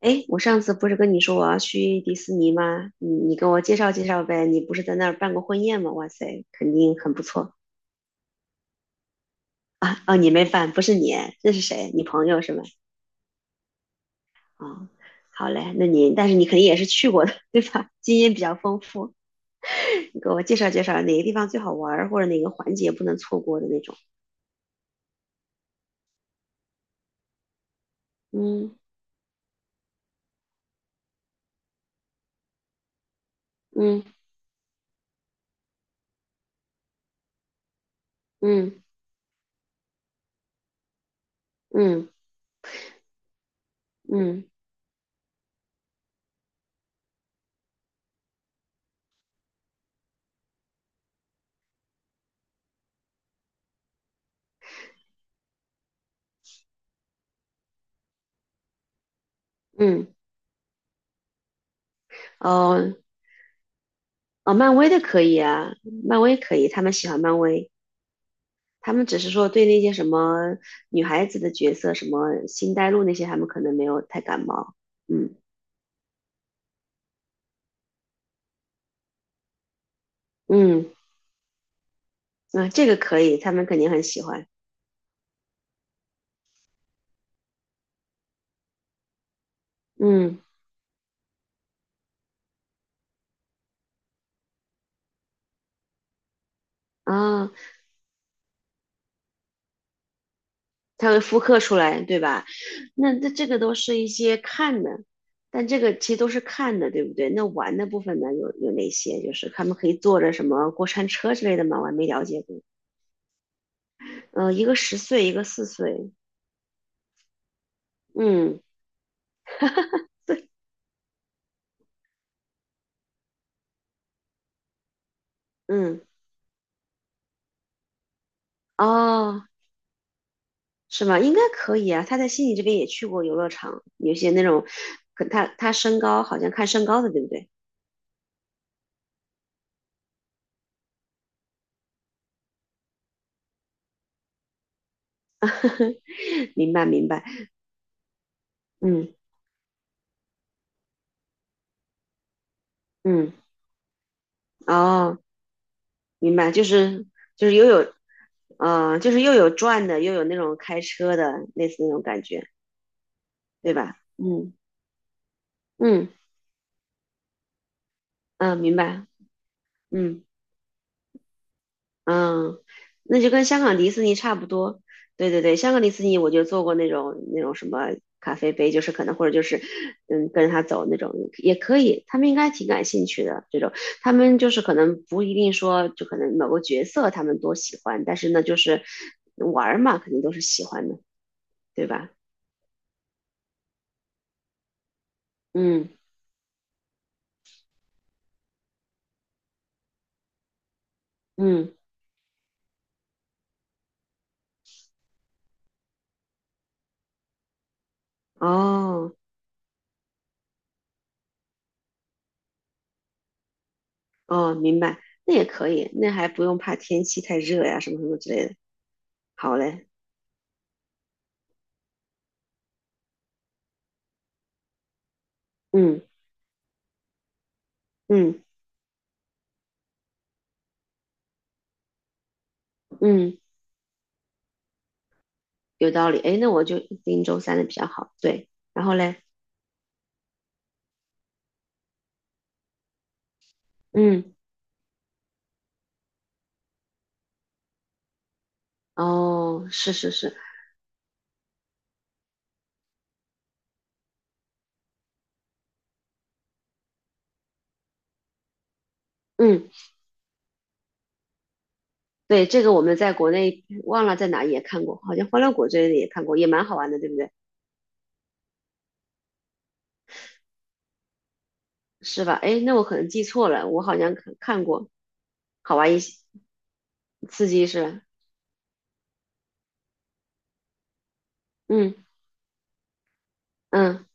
哎，我上次不是跟你说我要去迪士尼吗？你给我介绍介绍呗。你不是在那儿办过婚宴吗？哇塞，肯定很不错啊！哦，你没办，不是你，这是谁？你朋友是吗？哦，好嘞，那你但是你肯定也是去过的，对吧？经验比较丰富，你给我介绍介绍哪个地方最好玩儿，或者哪个环节不能错过的那种。嗯嗯嗯嗯嗯嗯，嗯哦哦，漫威的可以啊，漫威可以，他们喜欢漫威。他们只是说对那些什么女孩子的角色，什么星黛露那些，他们可能没有太感冒。嗯嗯，那这个可以，他们肯定很喜欢。嗯啊，他会复刻出来，对吧？那这个都是一些看的，但这个其实都是看的，对不对？那玩的部分呢，有哪些？就是他们可以坐着什么过山车之类的吗？我还没了解过。嗯，一个10岁，一个4岁。嗯嗯，哦，是吗？应该可以啊。他在悉尼这边也去过游乐场，有些那种，可他身高好像看身高的，对不对？明白明白，嗯嗯，哦，明白，就是又有，嗯，就是又有转的，又有那种开车的，类似那种感觉，对吧？嗯嗯嗯，明白，嗯。嗯，那就跟香港迪士尼差不多。对对对，香港迪士尼我就做过那种什么咖啡杯，就是可能或者就是嗯跟着他走那种也可以，他们应该挺感兴趣的这种。他们就是可能不一定说就可能某个角色他们多喜欢，但是呢就是玩儿嘛，肯定都是喜欢的，对吧？嗯嗯，哦哦，明白，那也可以，那还不用怕天气太热呀什么什么之类的。好嘞，嗯嗯嗯。有道理。哎，那我就盯周三的比较好。对，然后嘞，嗯，哦，是是是，嗯，对，这个我们在国内忘了在哪里也看过，好像欢乐谷这类的也看过，也蛮好玩的，对不对？是吧？哎，那我可能记错了，我好像看过，好玩一些，刺激是吧？嗯嗯，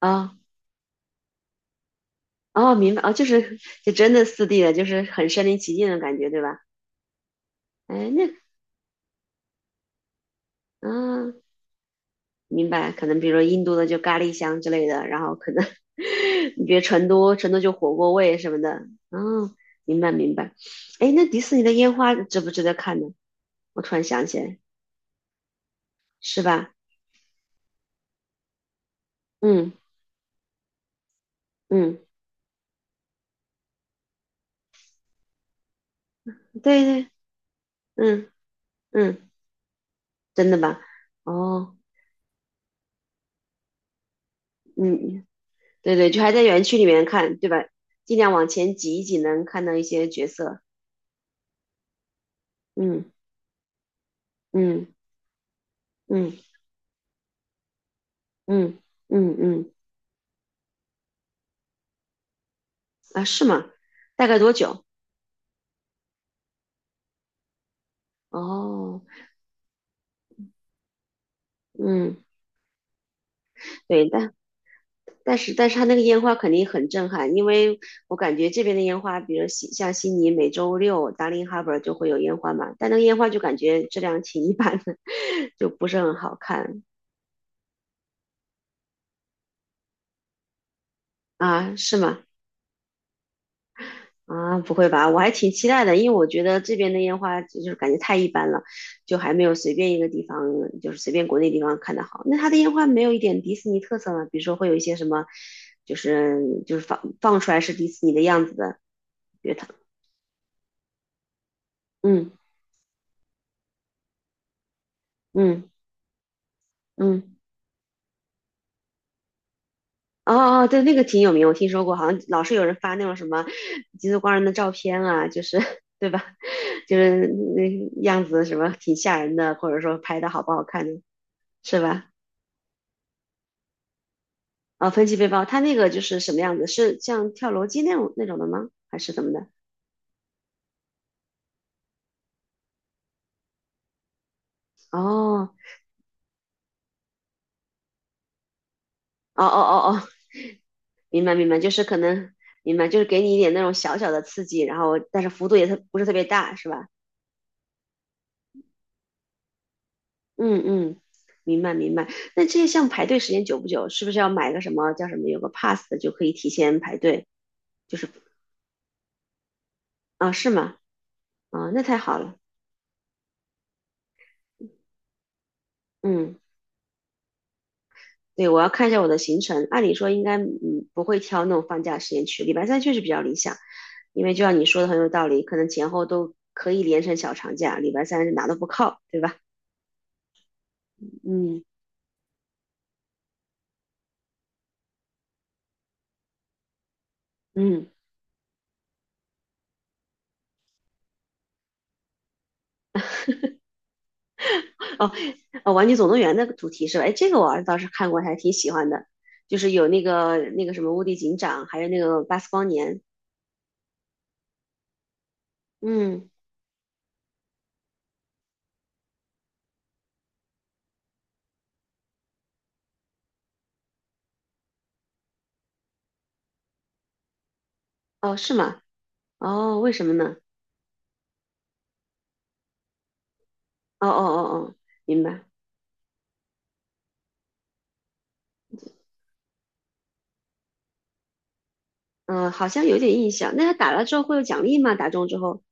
哦哦，明白哦，就是真的4D 的，就是很身临其境的感觉，对吧？哎，那嗯。啊明白，可能比如说印度的就咖喱香之类的，然后可能 你比如成都，成都就火锅味什么的。嗯，明白明白。哎，那迪士尼的烟花值不值得看呢？我突然想起来，是吧？嗯嗯，对对，嗯嗯，真的吧？哦，嗯，对对，就还在园区里面看，对吧？尽量往前挤一挤，能看到一些角色。嗯嗯嗯嗯嗯嗯，啊，是吗？大概多久？哦，嗯。对，但是它那个烟花肯定很震撼，因为我感觉这边的烟花，比如悉尼每周六 Darling Harbour 就会有烟花嘛，但那个烟花就感觉质量挺一般的，就不是很好看啊，是吗？啊，不会吧？我还挺期待的，因为我觉得这边的烟花就是感觉太一般了，就还没有随便一个地方，就是随便国内地方看的好。那它的烟花没有一点迪士尼特色吗？比如说会有一些什么，就是放出来是迪士尼的样子的，比如它嗯嗯。嗯，哦哦，对，那个挺有名，我听说过，好像老是有人发那种什么极速光人的照片啊，就是 对吧？就是那样子什么挺吓人的，或者说拍的好不好看的，是吧？啊、分级背包，它那个就是什么样子？是像跳楼机那种的吗？还是怎么的？哦，哦哦哦哦，明白明白，就是可能明白，就是给你一点那种小小的刺激，然后但是幅度也特不是特别大，是吧？嗯嗯，明白明白。那这些项目排队时间久不久，是不是要买个什么叫什么有个 pass 的就可以提前排队？就是啊，是吗？啊，那太好了。嗯，对，我要看一下我的行程。按理说应该嗯不会挑那种放假时间去，礼拜三确实比较理想，因为就像你说的很有道理，可能前后都可以连成小长假，礼拜三是哪都不靠，对吧？嗯嗯。哦，呃，《玩具总动员》的主题是吧？哎，这个我儿子倒是看过，还挺喜欢的，就是有那个什么无敌警长，还有那个巴斯光年。嗯，哦，是吗？哦，为什么呢？哦哦哦哦，明白。嗯，好像有点印象。那他打了之后会有奖励吗？打中之后？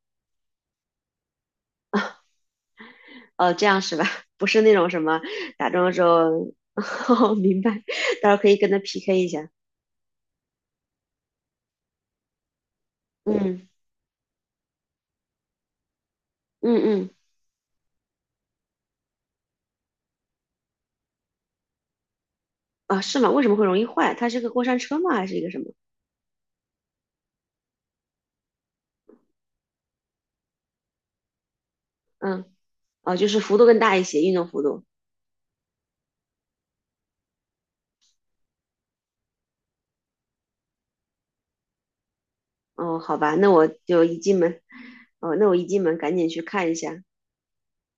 哦，这样是吧？不是那种什么打中了之后，哦，明白。到时候可以跟他 PK 一下。嗯嗯嗯，啊，是吗？为什么会容易坏？它是个过山车吗？还是一个什么？嗯，哦，就是幅度更大一些，运动幅度。哦，好吧，那我就一进门，哦，那我一进门赶紧去看一下。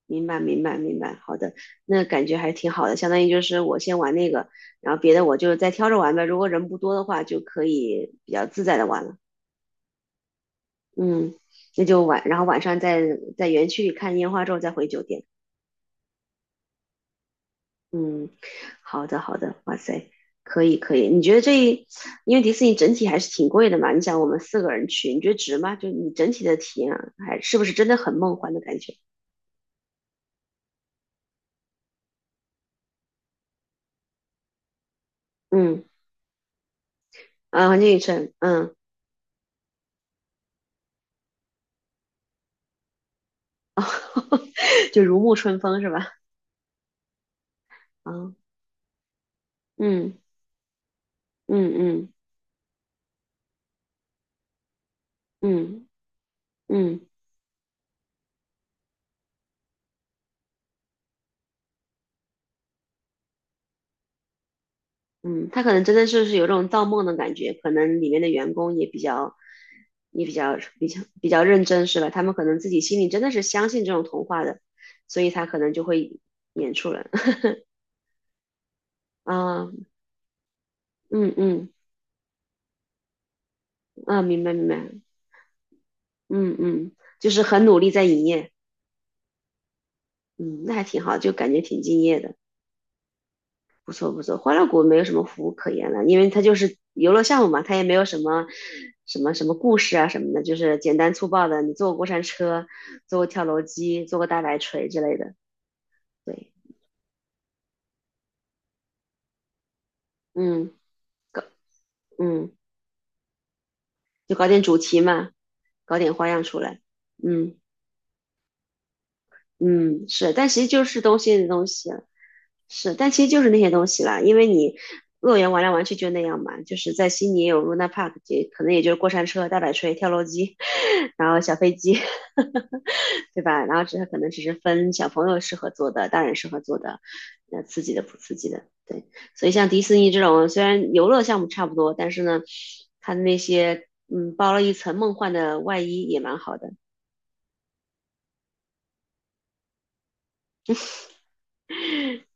明白，明白，明白。好的，那感觉还挺好的，相当于就是我先玩那个，然后别的我就再挑着玩呗。如果人不多的话，就可以比较自在的玩了。嗯，那就晚，然后晚上在园区里看烟花之后再回酒店。嗯，好的，好的。哇塞，可以，可以。你觉得这一，因为迪士尼整体还是挺贵的嘛？你想我们四个人去，你觉得值吗？就你整体的体验啊还是不是真的很梦幻的感觉？嗯。啊，环境与尘，嗯，哦，就如沐春风是吧？啊，嗯嗯嗯嗯嗯嗯，他可能真的就是有种造梦的感觉，可能里面的员工也比较比较认真是吧？他们可能自己心里真的是相信这种童话的，所以他可能就会演出来。啊，嗯嗯啊，明白明白，嗯嗯，就是很努力在营业，嗯，那还挺好，就感觉挺敬业的。不错不错，欢乐谷没有什么服务可言了，因为它就是游乐项目嘛，它也没有什么什么故事啊什么的，就是简单粗暴的，你坐过过山车，坐过跳楼机，坐过大摆锤之类的。对，嗯，搞嗯，就搞点主题嘛，搞点花样出来。嗯嗯，是，但其实就是东西的东西，是，但其实就是那些东西啦，因为你乐园玩来玩去就那样嘛，就是在悉尼也有 Luna Park，也可能也就是过山车、大摆锤、跳楼机，然后小飞机，对吧？然后只是可能只是分小朋友适合做的，大人适合做的，那刺激的不刺激的，对。所以像迪士尼这种，虽然游乐项目差不多，但是呢，它的那些嗯包了一层梦幻的外衣也蛮好的，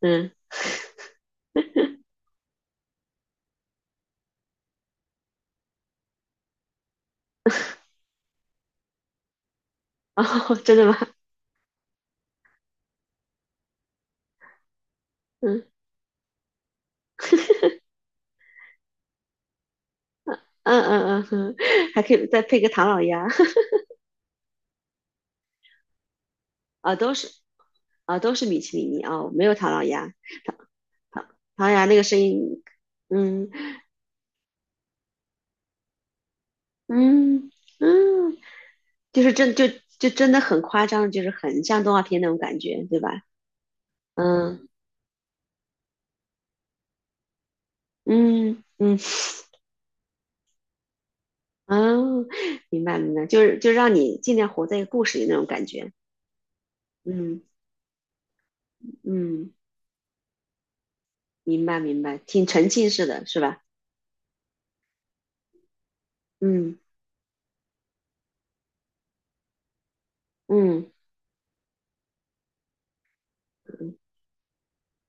嗯，哦，真的吗？嗯嗯嗯嗯，嗯还可以再配个唐老鸭。啊，都是啊，都是米奇米妮啊，没有唐老鸭，唐唐唐老鸭那个声音，嗯嗯嗯，就是就真的很夸张，就是很像动画片那种感觉，对吧？嗯嗯嗯，哦，明白明白，就是让你尽量活在一个故事里那种感觉，嗯嗯，明白明白，挺沉浸式的是吧？嗯嗯。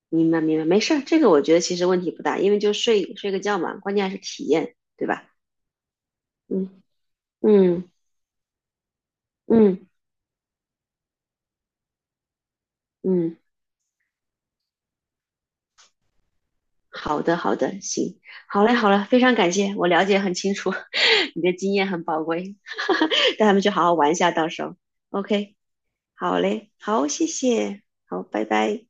明白明白，没事儿，这个我觉得其实问题不大，因为就睡睡个觉嘛，关键还是体验，对吧？嗯嗯嗯嗯，好的好的，行，好嘞好嘞，非常感谢，我了解很清楚，你的经验很宝贵，带他们去好好玩一下，到时候，OK，好嘞，好，谢谢，好，拜拜。